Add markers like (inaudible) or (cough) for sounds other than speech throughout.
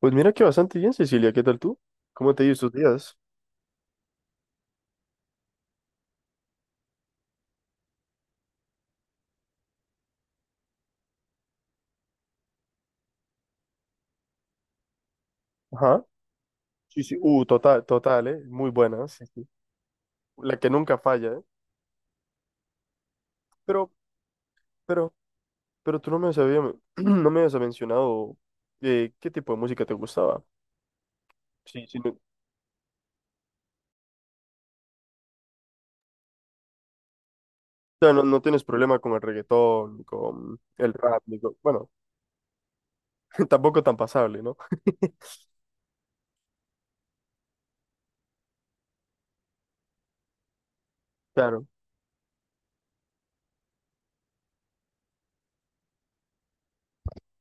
Pues mira que bastante bien, Cecilia. ¿Qué tal tú? ¿Cómo te ha ido estos días? Ajá. Sí, sí. Total, total, ¿eh? Muy buena. Sí, sí. La que nunca falla, ¿eh? Pero, pero, pero tú no me habías, (clears throat) no me habías mencionado qué tipo de música te gustaba. Sí, sí. No, o sea, no tienes problema con el reggaetón, con el rap, ni con- bueno, (laughs) tampoco tan pasable, ¿no? (laughs) Claro.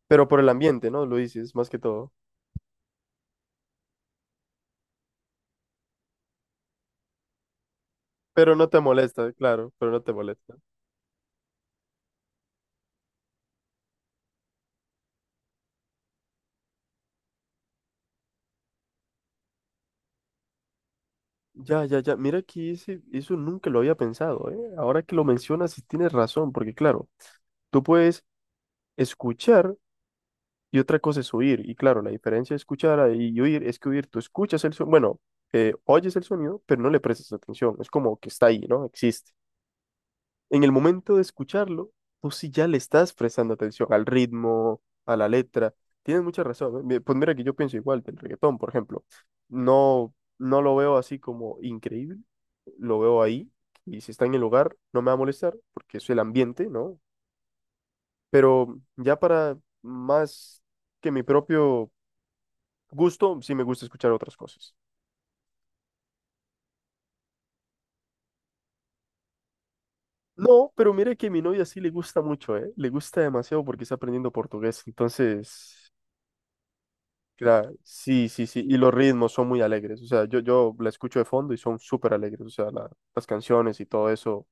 Pero por el ambiente, ¿no? Lo dices, más que todo. Pero no te molesta, claro, pero no te molesta. Ya, ya, ya. Mira que ese- eso nunca lo había pensado, ¿eh? Ahora que lo mencionas, sí tienes razón, porque claro, tú puedes escuchar y otra cosa es oír. Y claro, la diferencia de escuchar a- y oír es que oír, tú escuchas el sonido, bueno, oyes el sonido, pero no le prestas atención. Es como que está ahí, ¿no? Existe en el momento de escucharlo, tú sí ya le estás prestando atención al ritmo, a la letra. Tienes mucha razón, ¿eh? Mi- pues mira que yo pienso igual del reggaetón, por ejemplo. No, no lo veo así como increíble, lo veo ahí y si está en el lugar no me va a molestar porque es el ambiente, ¿no? Pero ya para más que mi propio gusto, sí me gusta escuchar otras cosas. No, pero mira que a mi novia sí le gusta mucho, ¿eh? Le gusta demasiado porque está aprendiendo portugués. Entonces, claro, sí, sí, sí, y los ritmos son muy alegres, o sea, yo la escucho de fondo y son súper alegres, o sea, la- las canciones y todo eso,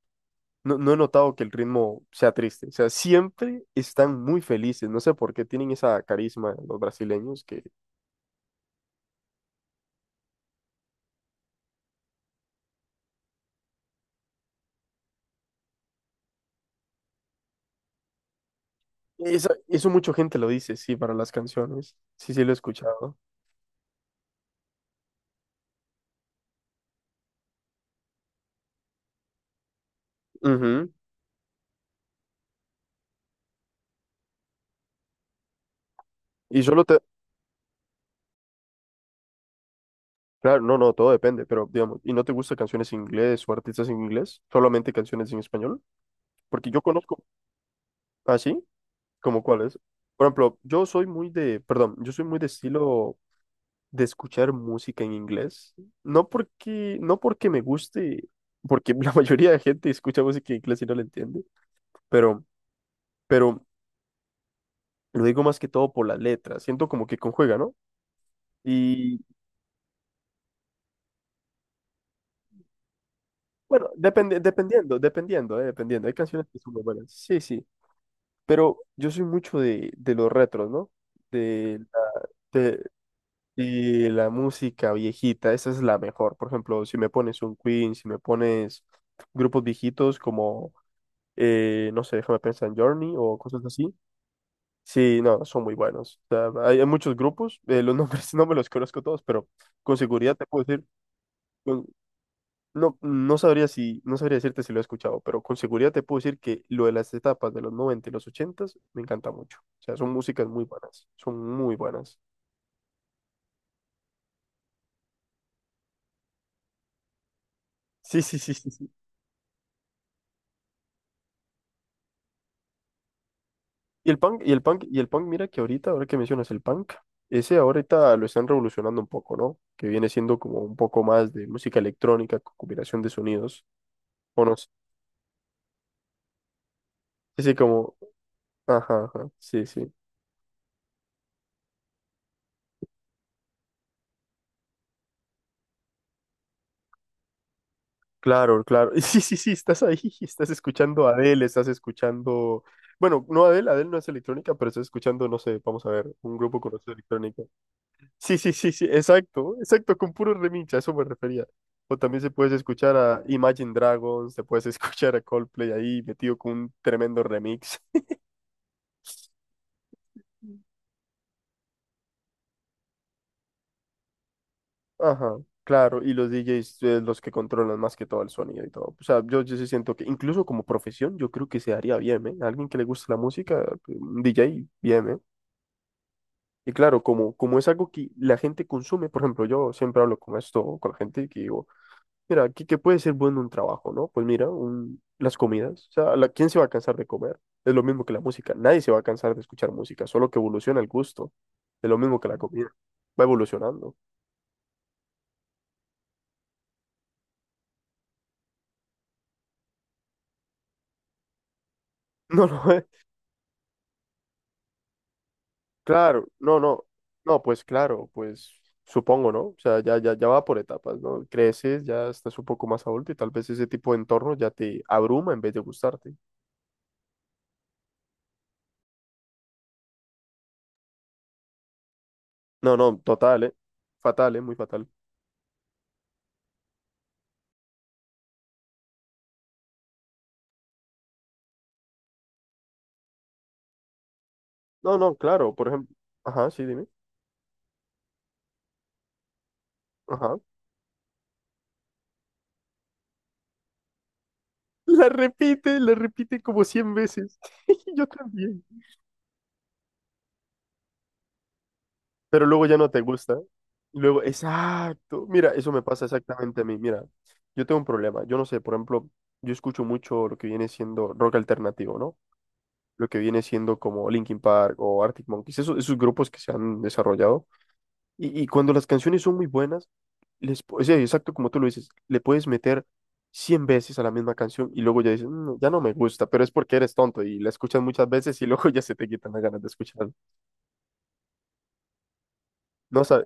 no he notado que el ritmo sea triste, o sea, siempre están muy felices, no sé por qué tienen esa carisma los brasileños, que esa- eso mucha gente lo dice, sí, para las canciones, sí, sí, lo he escuchado. Ujú. Y solo te, claro, no, no, todo depende, pero digamos, ¿y no te gustan canciones en inglés o artistas en inglés? Solamente canciones en español, porque yo conozco, ¿ah, sí? ¿Cómo cuáles? Por ejemplo, yo soy muy de, perdón, yo soy muy de estilo de escuchar música en inglés. No porque me guste, porque (laughs) la mayoría de gente escucha música en inglés y no la entiende, pero, pero lo digo más que todo por las letras. Siento como que conjuga, ¿no? Y bueno, depende, dependiendo. Hay canciones que son muy buenas. Sí, sí. Pero yo soy mucho de los retros, ¿no? De, la- de- y la música viejita, esa es la mejor. Por ejemplo, si me pones un Queen, si me pones grupos viejitos como, no sé, déjame pensar en Journey o cosas así. Sí, no, son muy buenos. O sea, hay muchos grupos, los nombres (laughs) no me los conozco todos, pero con seguridad te puedo decir, con- no, no sabría si, no sabría decirte si lo he escuchado, pero con seguridad te puedo decir que lo de las etapas de los 90 y los 80 me encanta mucho. O sea, son músicas muy buenas, son muy buenas. Sí, sí, sí, sí, sí. Y el punk, y el punk, y el punk, mira que ahorita, ahora que mencionas el punk, ese ahorita lo están revolucionando un poco, ¿no? Que viene siendo como un poco más de música electrónica con combinación de sonidos, o no sé, así como, ajá, ajá, sí, sí, claro, claro, (laughs) sí, sí, sí, estás ahí, (laughs) estás escuchando a Adele, estás escuchando, bueno, no Adele, Adele no es electrónica, pero estás escuchando, no sé, vamos a ver, un grupo conocido de electrónica. Sí, sí, sí, sí, exacto, exacto, con puro remincha, a eso me refería. O también se puedes escuchar a Imagine Dragons, te puedes (laughs) escuchar a Coldplay ahí metido con un tremendo remix. Ajá, claro, y los DJs, los que controlan más que todo el sonido y todo. O sea, yo sí siento que incluso como profesión, yo creo que se haría bien, ¿eh? Alguien que le guste la música, pues, un DJ, bien, ¿eh? Y claro, como es algo que la gente consume, por ejemplo, yo siempre hablo con esto, con la gente que digo, mira, ¿qué puede ser bueno un trabajo, ¿no? Pues mira, un- las comidas. O sea, la- ¿quién se va a cansar de comer? Es lo mismo que la música. Nadie se va a cansar de escuchar música, solo que evoluciona el gusto. Es lo mismo que la comida. Va evolucionando. (laughs) No, no, eh, Claro, no, no. No, pues claro, pues supongo, ¿no? O sea, ya, ya, ya va por etapas, ¿no? Creces, ya estás un poco más adulto y tal vez ese tipo de entorno ya te abruma en vez de gustarte. No, no, total, ¿eh? Fatal, ¿eh? Muy fatal. No, no, claro, por ejemplo. Ajá, sí, dime. Ajá. La repite como 100 veces. (laughs) Yo también. Pero luego ya no te gusta. Y luego, exacto. Mira, eso me pasa exactamente a mí. Mira, yo tengo un problema. Yo no sé, por ejemplo, yo escucho mucho lo que viene siendo rock alternativo, ¿no? Lo que viene siendo como Linkin Park o Arctic Monkeys, esos grupos que se han desarrollado. Y cuando las canciones son muy buenas, les, pu- sí, exacto como tú lo dices, le puedes meter 100 veces a la misma canción y luego ya dices, "Mm, ya no me gusta", pero es porque eres tonto y la escuchas muchas veces y luego (laughs) ya se te quitan las ganas de escucharla. No, sa-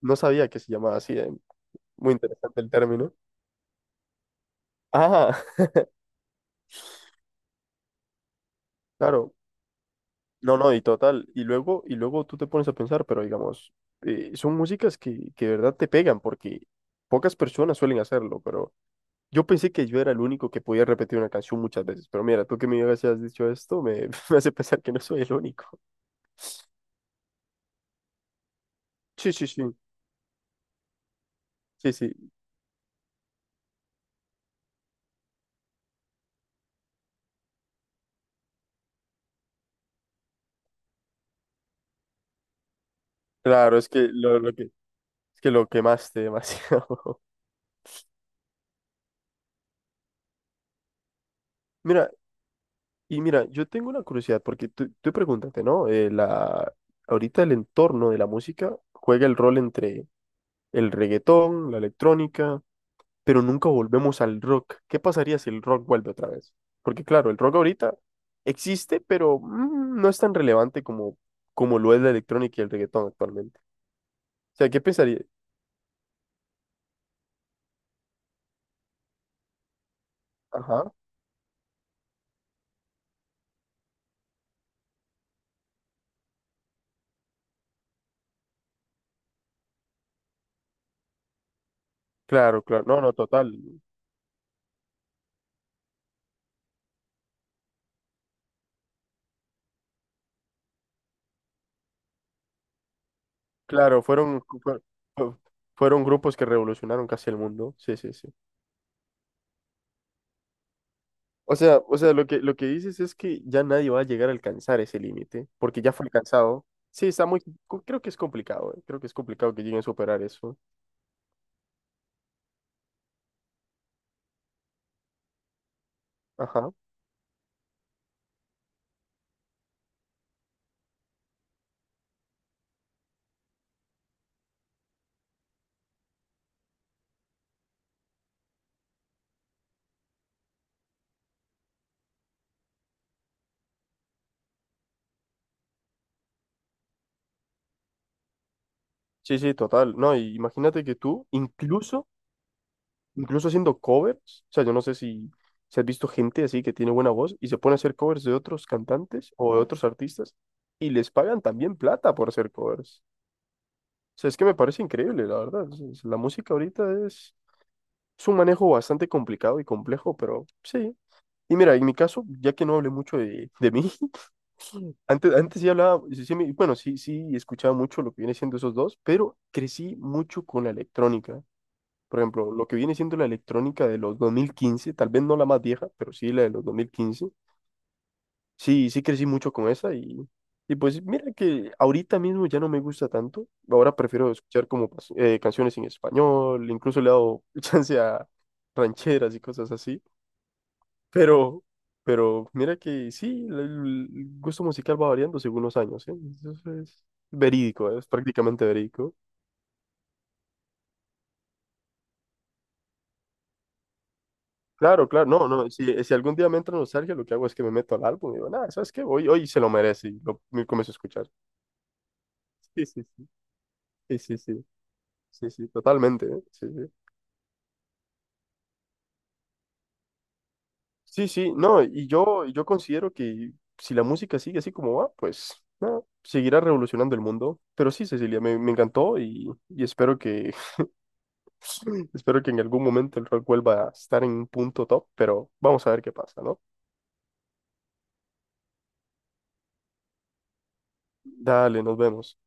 no sabía que se llamaba así, eh. Muy interesante el término. Ah, (laughs) claro, no, no, y total. Y luego tú te pones a pensar, pero digamos, son músicas que de verdad te pegan porque pocas personas suelen hacerlo, pero... Yo pensé que yo era el único que podía repetir una canción muchas veces, pero mira, tú que me digas si has dicho esto, me, (laughs) me hace pensar que no soy el único. Sí, sí, sí, sí, sí. Claro, es que lo que, es que lo quemaste demasiado. (laughs) Mira, y mira, yo tengo una curiosidad, porque tú pregúntate, ¿no? La, ahorita el entorno de la música juega el rol entre el reggaetón, la electrónica, pero nunca volvemos al rock. ¿Qué pasaría si el rock vuelve otra vez? Porque claro, el rock ahorita existe, pero mm, no es tan relevante como, como lo es la electrónica y el reggaetón actualmente. O sea, ¿qué pensaría? Ajá, claro, claro, no, no, total. Claro, fueron, fue- fue- fueron grupos que revolucionaron casi el mundo. Sí, sí, sí. O sea, lo que dices es que ya nadie va a llegar a alcanzar ese límite, porque ya fue alcanzado. Sí, está muy, creo que es complicado, creo que es complicado que lleguen a superar eso. Ajá. Sí, sí, total. No, y imagínate que tú, incluso, incluso haciendo covers, o sea, yo no sé si, si has visto gente así que tiene buena voz y se pone a hacer covers de otros cantantes o de otros artistas y les pagan también plata por hacer covers. O sea, es que me parece increíble, la verdad. Es- la música ahorita es un manejo bastante complicado y complejo, pero sí. Y mira, en mi caso, ya que no hablé mucho de mí, (laughs) antes sí hablaba, sí, sí me- bueno, sí, sí, escuchaba mucho lo que viene siendo esos dos, pero crecí mucho con la electrónica. Por ejemplo, lo que viene siendo la electrónica de los 2015, tal vez no la más vieja, pero sí la de los 2015. Sí, sí crecí mucho con esa y pues mira que ahorita mismo ya no me gusta tanto. Ahora prefiero escuchar como pas- canciones en español, incluso le he dado (laughs) chance a rancheras y cosas así. Pero, pero mira que sí, el gusto musical va variando según los años, ¿eh? Eso es verídico, es prácticamente verídico. Claro, claro, no, no, si, si algún día me entra nostalgia, lo que hago es que me meto al álbum y digo, nada, ¿sabes qué? Hoy, hoy se lo merece y lo me comienzo a escuchar. Sí, sí, sí, sí, sí, sí, sí, sí, totalmente, ¿eh? Sí, sí. Sí, sí, no, y yo considero que si la música sigue así como va, pues, no, seguirá revolucionando el mundo. Pero sí, Cecilia, me encantó y espero que, (laughs) espero que en algún momento el rock vuelva a estar en un punto top, pero vamos a ver qué pasa, ¿no? Dale, nos vemos.